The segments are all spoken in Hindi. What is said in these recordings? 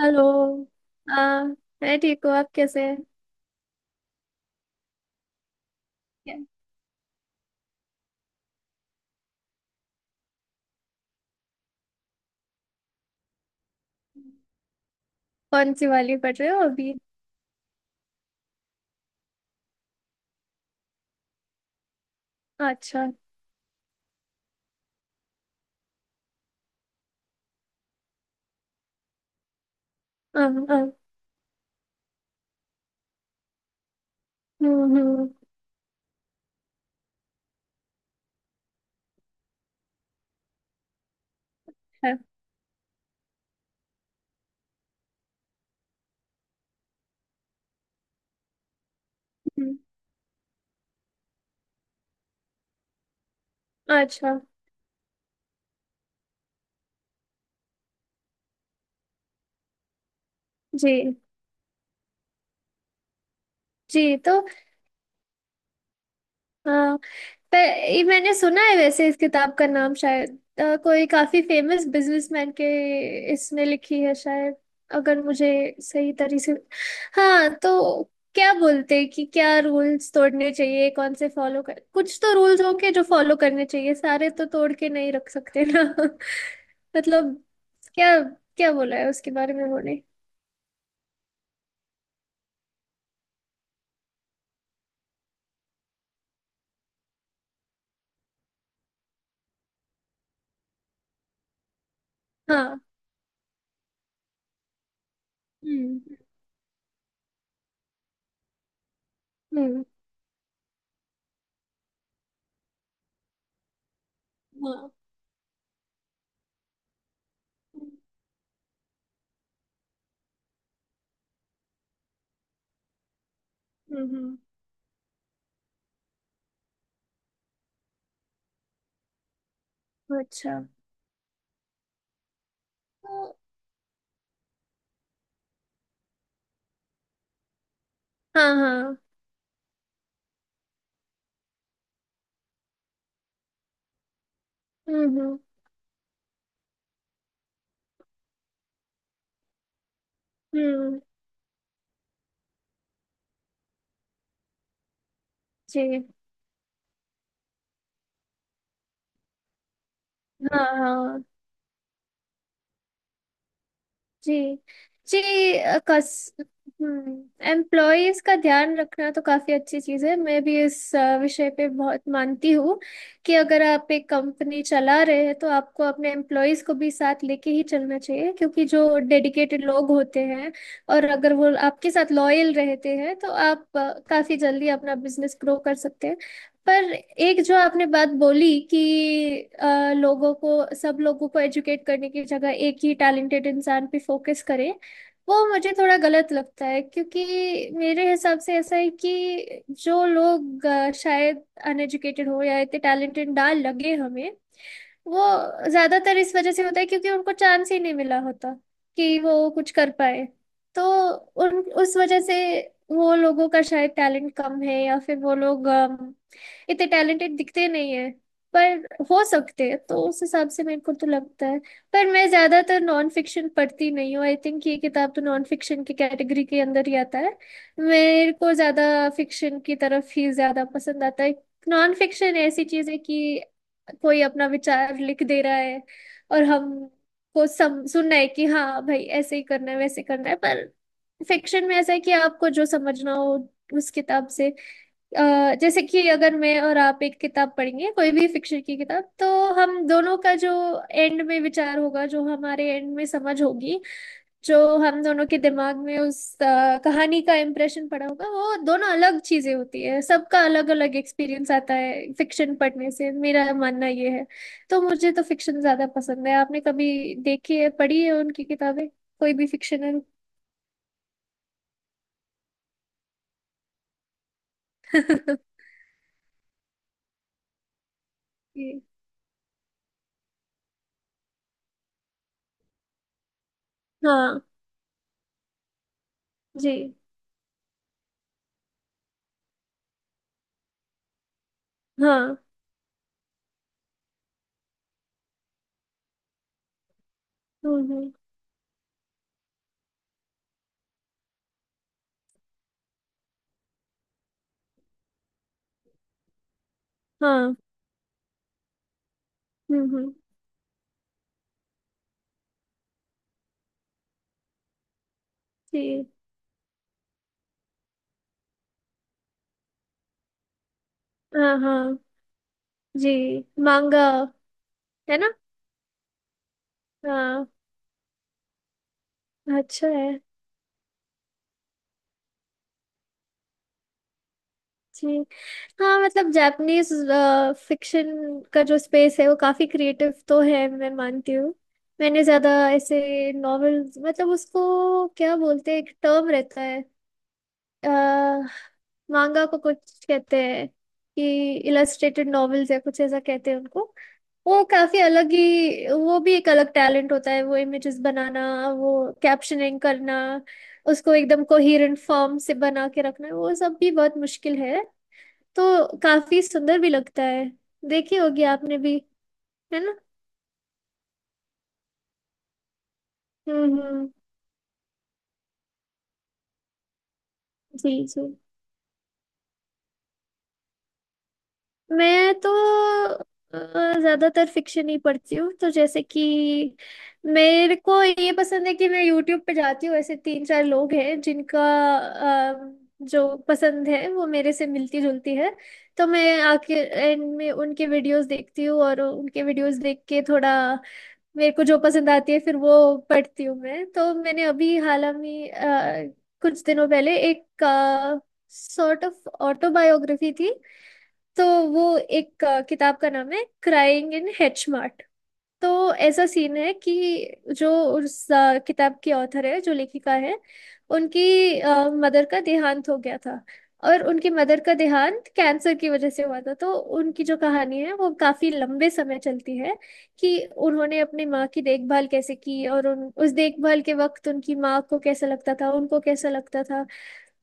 हेलो। हाँ, मैं ठीक हूँ। आप कैसे हैं? क्या- कौन सी वाली पढ़ रहे हो अभी? अच्छा। हाँ हाँ। हम्म। है, हम्म, अच्छा। जी जी। तो, पर ये मैंने सुना है वैसे, इस किताब का नाम शायद कोई काफी फेमस बिजनेसमैन के इसने लिखी है शायद। अगर मुझे सही तरीके से, हाँ तो क्या बोलते हैं कि क्या रूल्स तोड़ने चाहिए, कौन से फॉलो कर... कुछ तो रूल्स होंगे जो फॉलो करने चाहिए, सारे तो तोड़ के नहीं रख सकते ना। मतलब, क्या क्या बोला है उसके बारे में उन्होंने? हाँ। हम्म हम्म। हाँ। हम्म हम्म, अच्छा। तो- हाँ हाँ। हम्म हम्म। हम्म। जी। हाँ हाँ। जी जी। अ, कस एम्प्लॉयज का ध्यान रखना तो काफी अच्छी चीज है। मैं भी इस विषय पे बहुत मानती हूँ, कि अगर आप एक कंपनी चला रहे हैं तो आपको अपने एम्प्लॉयज को भी साथ लेके ही चलना चाहिए, क्योंकि जो डेडिकेटेड लोग होते हैं और अगर वो आपके साथ लॉयल रहते हैं तो आप काफी जल्दी अपना बिजनेस ग्रो कर सकते हैं। पर एक जो आपने बात बोली कि लोगों को सब लोगों को एजुकेट करने की जगह एक ही टैलेंटेड इंसान पे फोकस करें, वो मुझे थोड़ा गलत लगता है। क्योंकि मेरे हिसाब से ऐसा है कि जो लोग शायद अनएजुकेटेड हो या इतने टैलेंटेड ना लगे हमें, वो ज्यादातर इस वजह से होता है क्योंकि उनको चांस ही नहीं मिला होता कि वो कुछ कर पाए। तो उन उस वजह से वो लोगों का शायद टैलेंट कम है या फिर वो लोग इतने टैलेंटेड दिखते नहीं है, पर हो सकते हैं। तो उस हिसाब से मेरे को तो लगता है। पर मैं ज्यादातर नॉन फिक्शन पढ़ती नहीं हूँ। आई थिंक ये किताब तो नॉन फिक्शन की कैटेगरी के अंदर ही आता है। मेरे को ज्यादा फिक्शन की तरफ ही ज्यादा पसंद आता है। नॉन फिक्शन ऐसी चीज है कि कोई अपना विचार लिख दे रहा है और हम को सम सुनना है कि हाँ भाई, ऐसे ही करना है, वैसे करना है। पर फिक्शन में ऐसा है कि आपको जो समझना हो उस किताब से, जैसे कि अगर मैं और आप एक किताब पढ़ेंगे कोई भी फिक्शन की किताब, तो हम दोनों का जो एंड में विचार होगा, जो हमारे एंड में समझ होगी, जो हम दोनों के दिमाग में उस कहानी का इम्प्रेशन पड़ा होगा, वो दोनों अलग चीजें होती है। सबका अलग अलग एक्सपीरियंस आता है फिक्शन पढ़ने से, मेरा मानना ये है। तो मुझे तो फिक्शन ज्यादा पसंद है। आपने कभी देखी है पढ़ी है उनकी किताबें कोई भी फिक्शनल? हाँ। जी। हाँ। हम्म। हाँ। हम्म। जी। हाँ हाँ। जी। मांगा। है ना? हाँ। अच्छा है। जी। हाँ। मतलब, जापानीज फिक्शन का जो स्पेस है वो काफी क्रिएटिव तो है, मैं मानती हूँ। मैंने ज्यादा ऐसे नॉवेल... मतलब उसको क्या बोलते हैं, एक टर्म रहता है, आ, मांगा को कुछ कहते हैं कि इलस्ट्रेटेड नॉवेल्स या कुछ ऐसा कहते हैं उनको। वो काफी अलग ही... वो भी एक अलग टैलेंट होता है, वो इमेजेस बनाना, वो कैप्शनिंग करना, उसको एकदम कोहेरेंट फॉर्म से बना के रखना, वो सब भी बहुत मुश्किल है। तो काफी सुंदर भी लगता है। देखी होगी आपने भी। है ना? हम्म। जी जी। मैं तो ज्यादातर फिक्शन ही पढ़ती हूँ, तो जैसे कि मेरे को ये पसंद है कि मैं यूट्यूब पे जाती हूँ, ऐसे तीन चार लोग हैं जिनका अ, जो पसंद है वो मेरे से मिलती जुलती है। तो मैं आके एंड में उनके वीडियोस देखती हूँ और उनके वीडियोस देख के थोड़ा मेरे को जो पसंद आती है फिर वो पढ़ती हूँ मैं। तो मैंने अभी हाल में कुछ दिनों पहले एक सॉर्ट ऑफ ऑटोबायोग्राफी थी। तो वो एक किताब का नाम है क्राइंग इन हेच मार्ट। तो ऐसा सीन है कि जो उस किताब की ऑथर है, जो लेखिका है, उनकी मदर का देहांत हो गया था। और उनकी मदर का देहांत कैंसर की वजह से हुआ था। तो उनकी जो कहानी है वो काफी लंबे समय चलती है, कि उन्होंने अपनी माँ की देखभाल कैसे की और उन उस देखभाल के वक्त उनकी माँ को कैसा लगता था, उनको कैसा लगता था।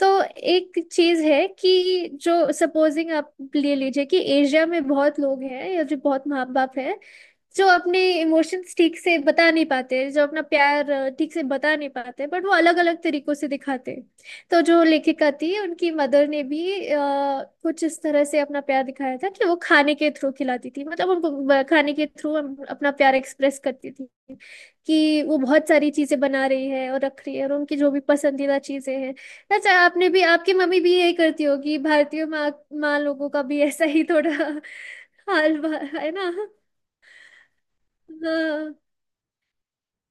तो एक चीज है कि, जो, सपोजिंग आप ले लीजिए कि एशिया में बहुत लोग हैं या जो बहुत माँ बाप हैं, जो अपने इमोशंस ठीक से बता नहीं पाते, जो अपना प्यार ठीक से बता नहीं पाते, बट वो अलग अलग तरीकों से दिखाते हैं। तो जो लेखिका थी उनकी मदर ने भी कुछ इस तरह से अपना प्यार दिखाया था कि वो खाने के थ्रू खिलाती थी, मतलब उनको खाने के थ्रू अपना प्यार एक्सप्रेस करती थी। कि वो बहुत सारी चीजें बना रही है और रख रही है, और उनकी जो भी पसंदीदा चीजें हैं। अच्छा, आपने भी आपकी मम्मी भी यही करती होगी, भारतीय माँ, माँ लोगों का भी ऐसा ही थोड़ा। हाल है ना? हाँ।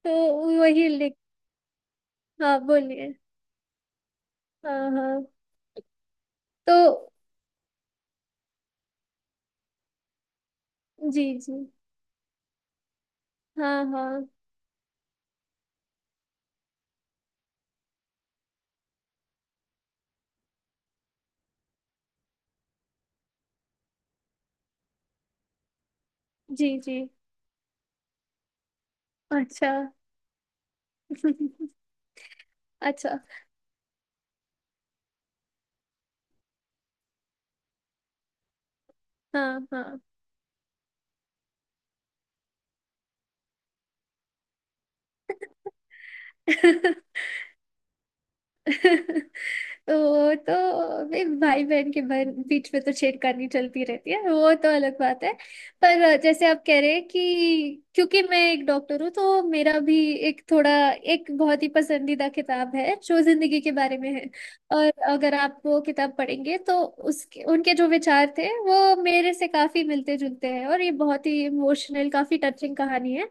तो वही लिख... हाँ बोलिए। हाँ हाँ। तो जी जी। हाँ हाँ। जी जी। अच्छा। अच्छा। हाँ हाँ। तो वो तो भाई भाई बहन के बहन बीच में तो छेड़खानी चलती रहती है, वो तो अलग बात है। पर जैसे आप कह रहे हैं कि, क्योंकि मैं एक डॉक्टर हूँ तो मेरा भी एक थोड़ा एक बहुत ही पसंदीदा किताब है जो जिंदगी के बारे में है। और अगर आप वो किताब पढ़ेंगे तो उसके उनके जो विचार थे वो मेरे से काफी मिलते जुलते हैं, और ये बहुत ही इमोशनल, काफी टचिंग कहानी है।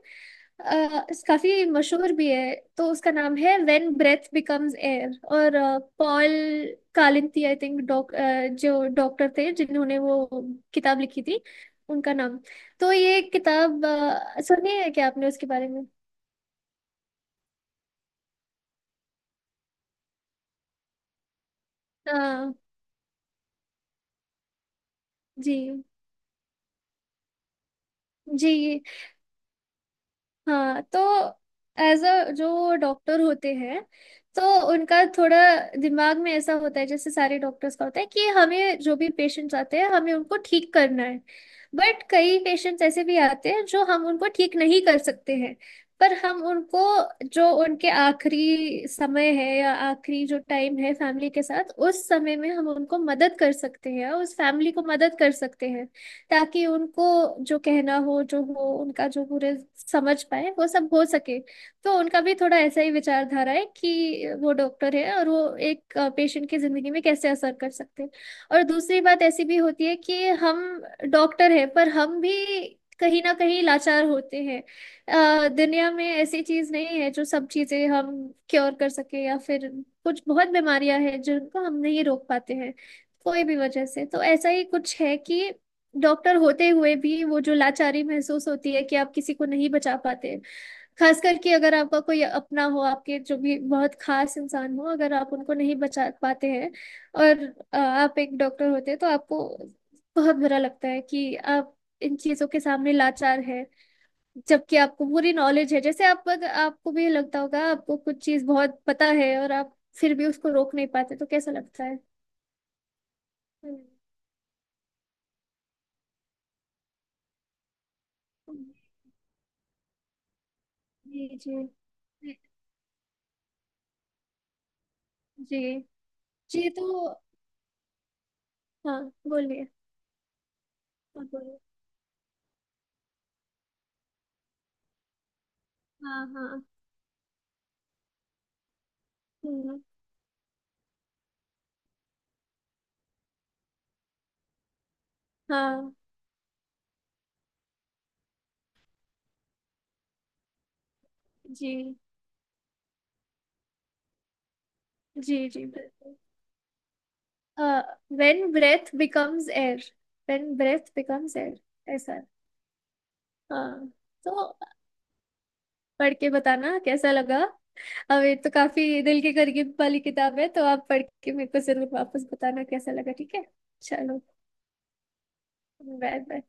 अ, काफी मशहूर भी है। तो उसका नाम है व्हेन ब्रेथ बिकम्स एयर। और पॉल कालिंती आई थिंक, जो डॉक्टर थे जिन्होंने वो किताब लिखी थी, उनका नाम। तो ये किताब सुनी है क्या आपने उसके बारे में? हाँ। जी जी। हाँ। तो एज अ, जो डॉक्टर होते हैं, तो उनका थोड़ा दिमाग में ऐसा होता है जैसे सारे डॉक्टर्स का होता है, कि हमें जो भी पेशेंट्स आते हैं हमें उनको ठीक करना है। बट कई पेशेंट्स ऐसे भी आते हैं जो हम उनको ठीक नहीं कर सकते हैं। पर हम उनको, जो उनके आखिरी समय है या आखिरी जो टाइम है फैमिली के साथ, उस समय में हम उनको मदद कर सकते हैं, उस फैमिली को मदद कर सकते हैं, ताकि उनको जो कहना हो जो हो, उनका जो पूरे समझ पाए, वो सब हो सके। तो उनका भी थोड़ा ऐसा ही विचारधारा है कि वो डॉक्टर है और वो एक पेशेंट की जिंदगी में कैसे असर कर सकते हैं। और दूसरी बात ऐसी भी होती है कि हम डॉक्टर है, पर हम भी कहीं ना कहीं लाचार होते हैं। दुनिया में ऐसी चीज नहीं है जो सब चीजें हम क्योर कर सके, या फिर कुछ बहुत बीमारियां हैं जिनको हम नहीं रोक पाते हैं, कोई भी वजह से। तो ऐसा ही कुछ है कि डॉक्टर होते हुए भी वो जो लाचारी महसूस होती है कि आप किसी को नहीं बचा पाते। खास करके अगर आपका कोई अपना हो, आपके जो भी बहुत खास इंसान हो, अगर आप उनको नहीं बचा पाते हैं और आप एक डॉक्टर होते हैं, तो आपको बहुत बुरा लगता है कि आप इन चीजों के सामने लाचार है। जबकि आपको पूरी नॉलेज है। जैसे आप अगर- आपको भी लगता होगा आपको कुछ चीज बहुत पता है और आप फिर भी उसको रोक नहीं पाते, तो कैसा लगता है? हम्म, जी। जी। जी। जी। तो हाँ बोलिए। आप बोलिए। हाँ हाँ। हम्म, हाँ। जी जी। जी बिल्कुल। When breath becomes air. When breath becomes air ऐसा है। हाँ, तो पढ़ के बताना कैसा लगा। अब ये तो काफी दिल के करीब वाली किताब है, तो आप पढ़ के मेरे को जरूर वापस बताना कैसा लगा, ठीक है? चलो। Bye bye.